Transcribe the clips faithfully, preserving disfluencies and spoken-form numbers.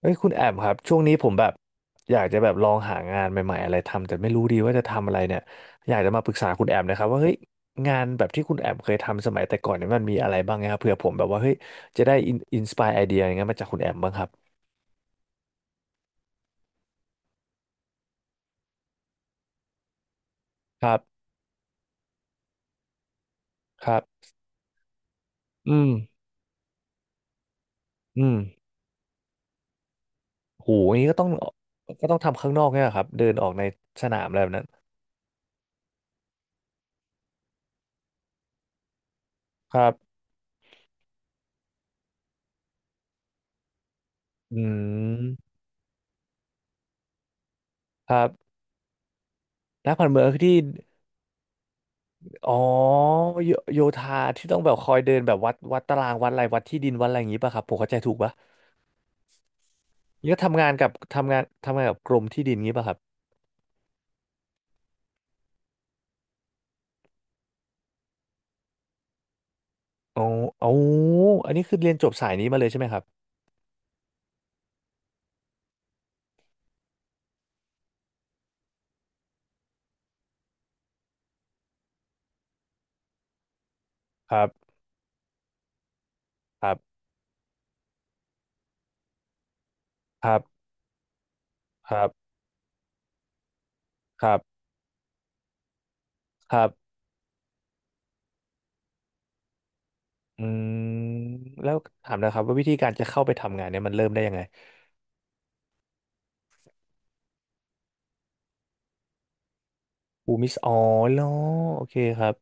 เอ้ยคุณแอมครับช่วงนี้ผมแบบอยากจะแบบลองหางานใหม่ๆอะไรทำแต่ไม่รู้ดีว่าจะทำอะไรเนี่ยอยากจะมาปรึกษาคุณแอมนะครับว่าเฮ้ยงานแบบที่คุณแอมเคยทำสมัยแต่ก่อนเนี่ยมันมีอะไรบ้างนะครับเผื่อผมแบบว่าเฮ้ยจะได้อินอินสปายไอเดียอย่างเงี้ยมาจากคุณแอมบ้างครับครับครับอืมอืมโหอย่างนี้ก็ต้องก็ต้องทำข้างนอกเนี่ยเหรอครับเดินออกในสนามอะไรแบบนั้นครับอืมครับนักผันเมืองที่ อ๋อโยโยธาที่ต้องแบบคอยเดินแบบวัดวัดตารางวัดอะไรวัดที่ดินวัดอะไรอย่างงี้ป่ะครับผมเข้าใจถูกป่ะนี่ก็ทำงานกับทำงานทำงานกับกรมที่ดินงี้ป่ะครับอ๋ออ๋ออันนี้คือเรียนจบสายนี้มาเลยใช่ไหมครับครับครับครับครับครับครับอืมแล้วถามนะครับว่าวิธีการจะเข้าไปทำงานเนี่ยมันเริ่มได้ยังไงอูมิสอ๋อเหรอโอเคครับ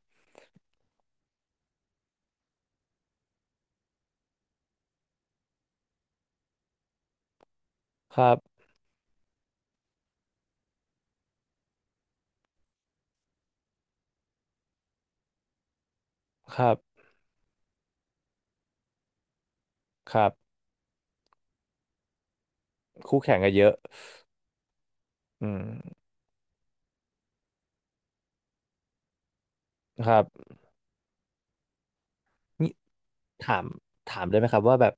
ครับครับครับคู่แข่งกันเยอะอืมครับ นี่ถามถามได้ไหมครับว่าแบบ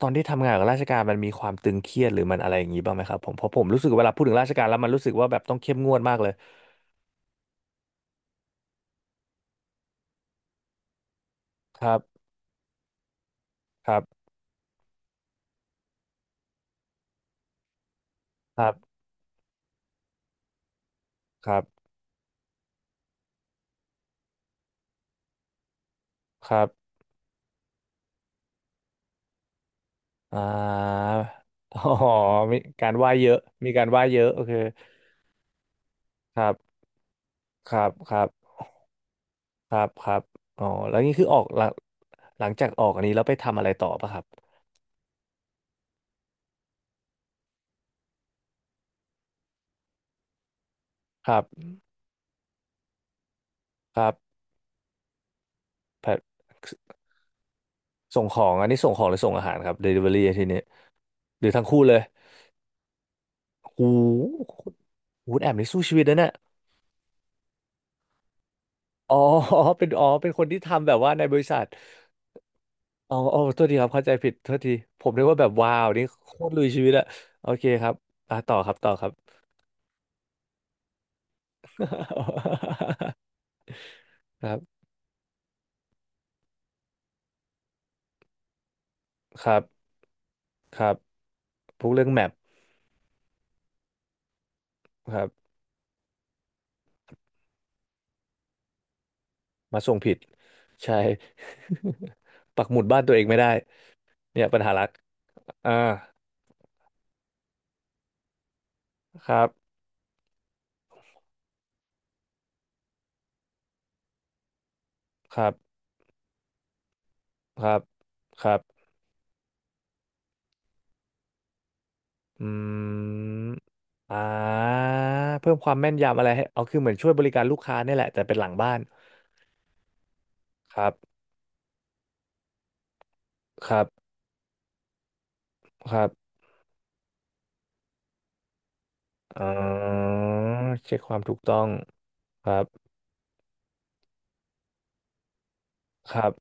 ตอนที่ทำงานกับราชการมันมีความตึงเครียดหรือมันอะไรอย่างนี้บ้างไหมครับผมเพราะผมรู้สึกเวลาพูดถึงราชการแล้วมันรู้สึกว่าแบบต้องเข้มงวดมากเลยครับครับครับครับครับอ่า อ๋อมีการไหว้เยอะมีการไหว้เยอะโอเคครับครับครับครับครับอ๋อแล้วนี่คือออกหลังหลังจากออกอันนี้แล้วไปทำอะไรต่อปะครับครับครับแพลตส่งของอันนี้ส่งของหรือส่งอาหารครับ Delivery ทีนี้หรือทั้งคู่เลย โหูหูแอมนี่สู้ชีวิตนะเนี่ยอ๋อ เป็นอ๋อเป็นคนที่ทำแบบว่าในบริษัทอ๋ออ๋อโทษทีครับเข้าใจผิดโทษทีผมนึกว่าแบบว้าวนี่โคตรลุยชีวิตอะโอเคครับอ่ะต่อครับต่อครับ ครับครับครับพวกเรื่องแมปครับมาส่งผิดใช่ ปักหมุดบ้านตัวเองไม่ได้เนี่ยปัญหาหลักอ่าครับครับครับครับ อืมอ่าเพิ่มความแม่นยำอะไรให้เอาคือเหมือนช่วยบริการลูกค้าเนี่ยแหละแต่เป็นหลังบ้านครับครับครับอ่าเช็คความถูกต้องครับครับ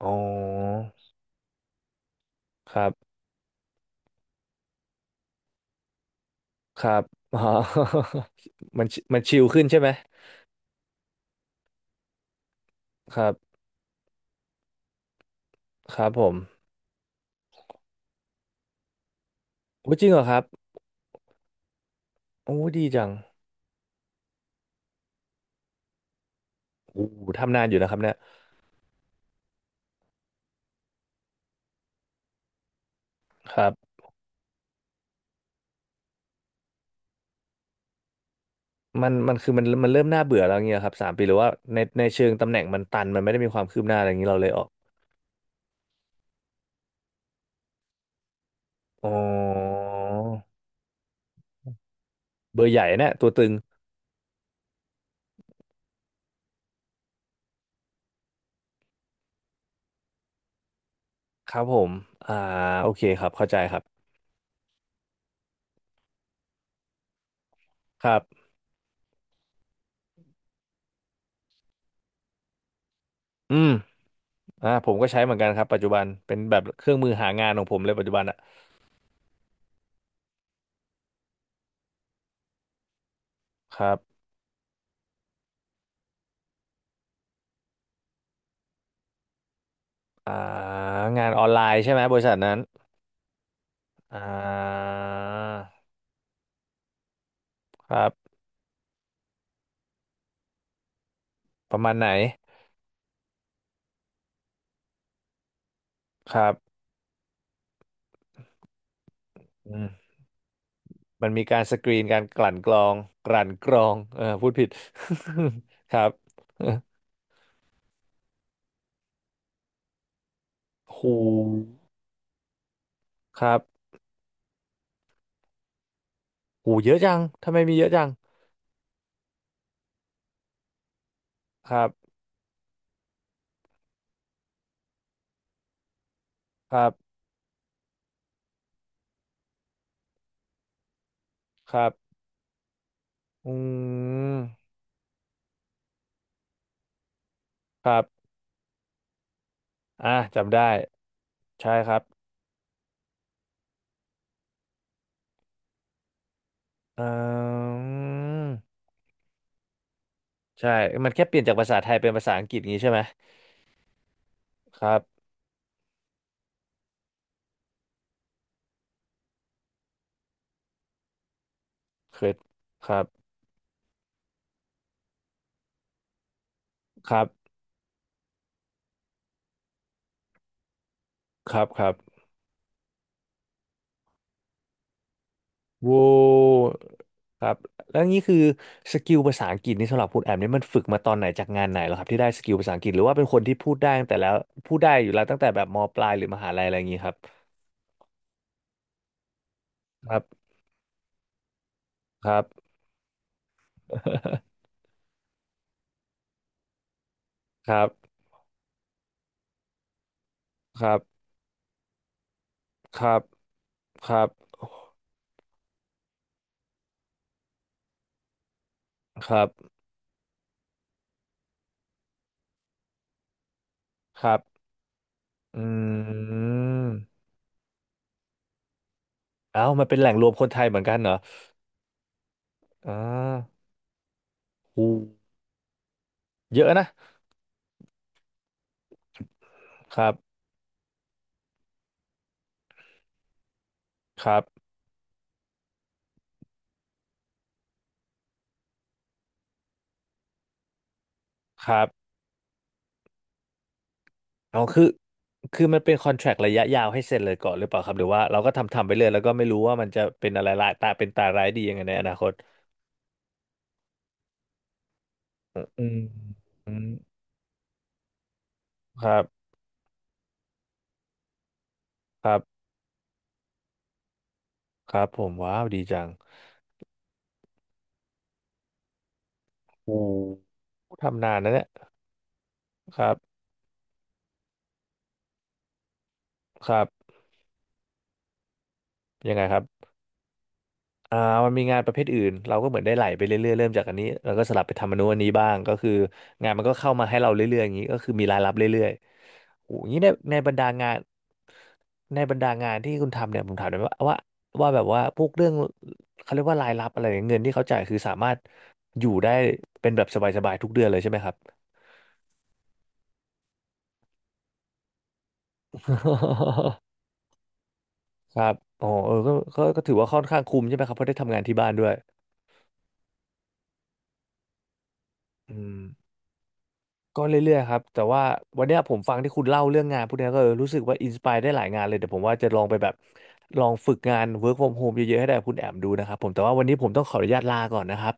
อ๋อครับครับอ๋อ มันชิมันชิลขึ้นใช่ไหมครับครับผมโอ้จริงเหรอครับโอ้ดีจังโอ้ทำนานอยู่นะครับเนี่ยครับมันมันคือมันมันเริ่มน่าเบื่อแล้วเงี้ยครับสามปีหรือว่าในในเชิงตำแหน่งมันตันมันไม่ได้มีความคืบหน้าอะไรอย่างนี้เราเลยออก อ๋อเบอร์ใหญ่เนี่ยตัวตึงครับผมอ่าโอเคครับเข้าใจครับครับอืมอ่าผมก็ใช้เหมือนกันครับปัจจุบันเป็นแบบเครื่องมือหางานของผมเลยปัจจุบันอะครับอ่างานออนไลน์ใช่ไหมบริษัทนั้นอ่าครับประมาณไหนครับอืมมันมีการสกรีนการกลั่นกรองกลั่นกรองเออพูดผิด ครับ หูครับหูเยอะจังทำไมมีเยอะจังครับครับครับ อืมครับอ่ะจำได้ใช่ครับอืมใช่มันแค่เปลี่ยนจากภาษาไทยเป็นภาษาอังกฤษงี้ใช่ไหมครับเคยครับครับครับครับโวครับแล้วนี่คือสกิลภาษาอังกฤษนี่สำหรับคุณแอมนี่มันฝึกมาตอนไหนจากงานไหนเหรอครับที่ได้สกิลภาษาอังกฤษหรือว่าเป็นคนที่พูดได้ตั้งแต่แล้วพูดได้อยู่แล้วตั้งแต่แบบมปลายหรือมหาลัยอะไรอย่างงี้ครับครับครับ ครับครับครับครับครับครับ อืมเอ้ามันเป็นแหล่งรวมคนไทยเหมือนกันเหรออ่าหูเยอะนะครับครับครับเอาคือคือมันเป็นคอนแทรคระยะยาวให้เซ็นเลยก่อนหรือเปล่าครับหรือว่าเราก็ทำทำไปเลยแล้วก็ไม่รู้ว่ามันจะเป็นอะไรร้ายตาเป็นตาร้ายดียังไงในอนาคตอืมอืมครับครับครับผมว้าวดีจังโอ้ทำนานนะเนี่ยครับครับยังไงครับ อ่ามันมีงานประเภทอื่นเราก็เหมือนได้ไหลไปเรื่อยๆเริ่มจากอันนี้แล้วก็สลับไปทำอันนู้นอันนี้บ้างก็คืองานมันก็เข้ามาให้เราเรื่อยๆอย่างนี้ก็คือมีรายรับเรื่อยๆโอ้ยนี่ในในบรรดางานในบรรดางานที่คุณทำเนี่ยผมถามหน่อยว่าว่าว่าแบบว่าพวกเรื่องเขาเรียกว่ารายรับอะไรเนี่ยเงินที่เขาจ่ายคือสามารถอยู่ได้เป็นแบบสบายๆทุกเดือนเลยใช่ไหมครับ ครับอ๋อเออก็ก็ก็ถือว่าค่อนข้างคุ้มใช่ไหมครับเพราะได้ทำงานที่บ้านด้วยอืม ก็เรื่อยๆครับแต่ว่าวันเนี้ยผมฟังที่คุณเล่าเรื่องงานพวกเนี้ยก็เออรู้สึกว่าอินสปายได้หลายงานเลยเดี๋ยวผมว่าจะลองไปแบบลองฝึกงาน work from home เยอะๆให้ได้กับคุณแอมดูนะครับผมแต่ว่าวันนี้ผมต้องขออนุญาตลาก่อนนะครับ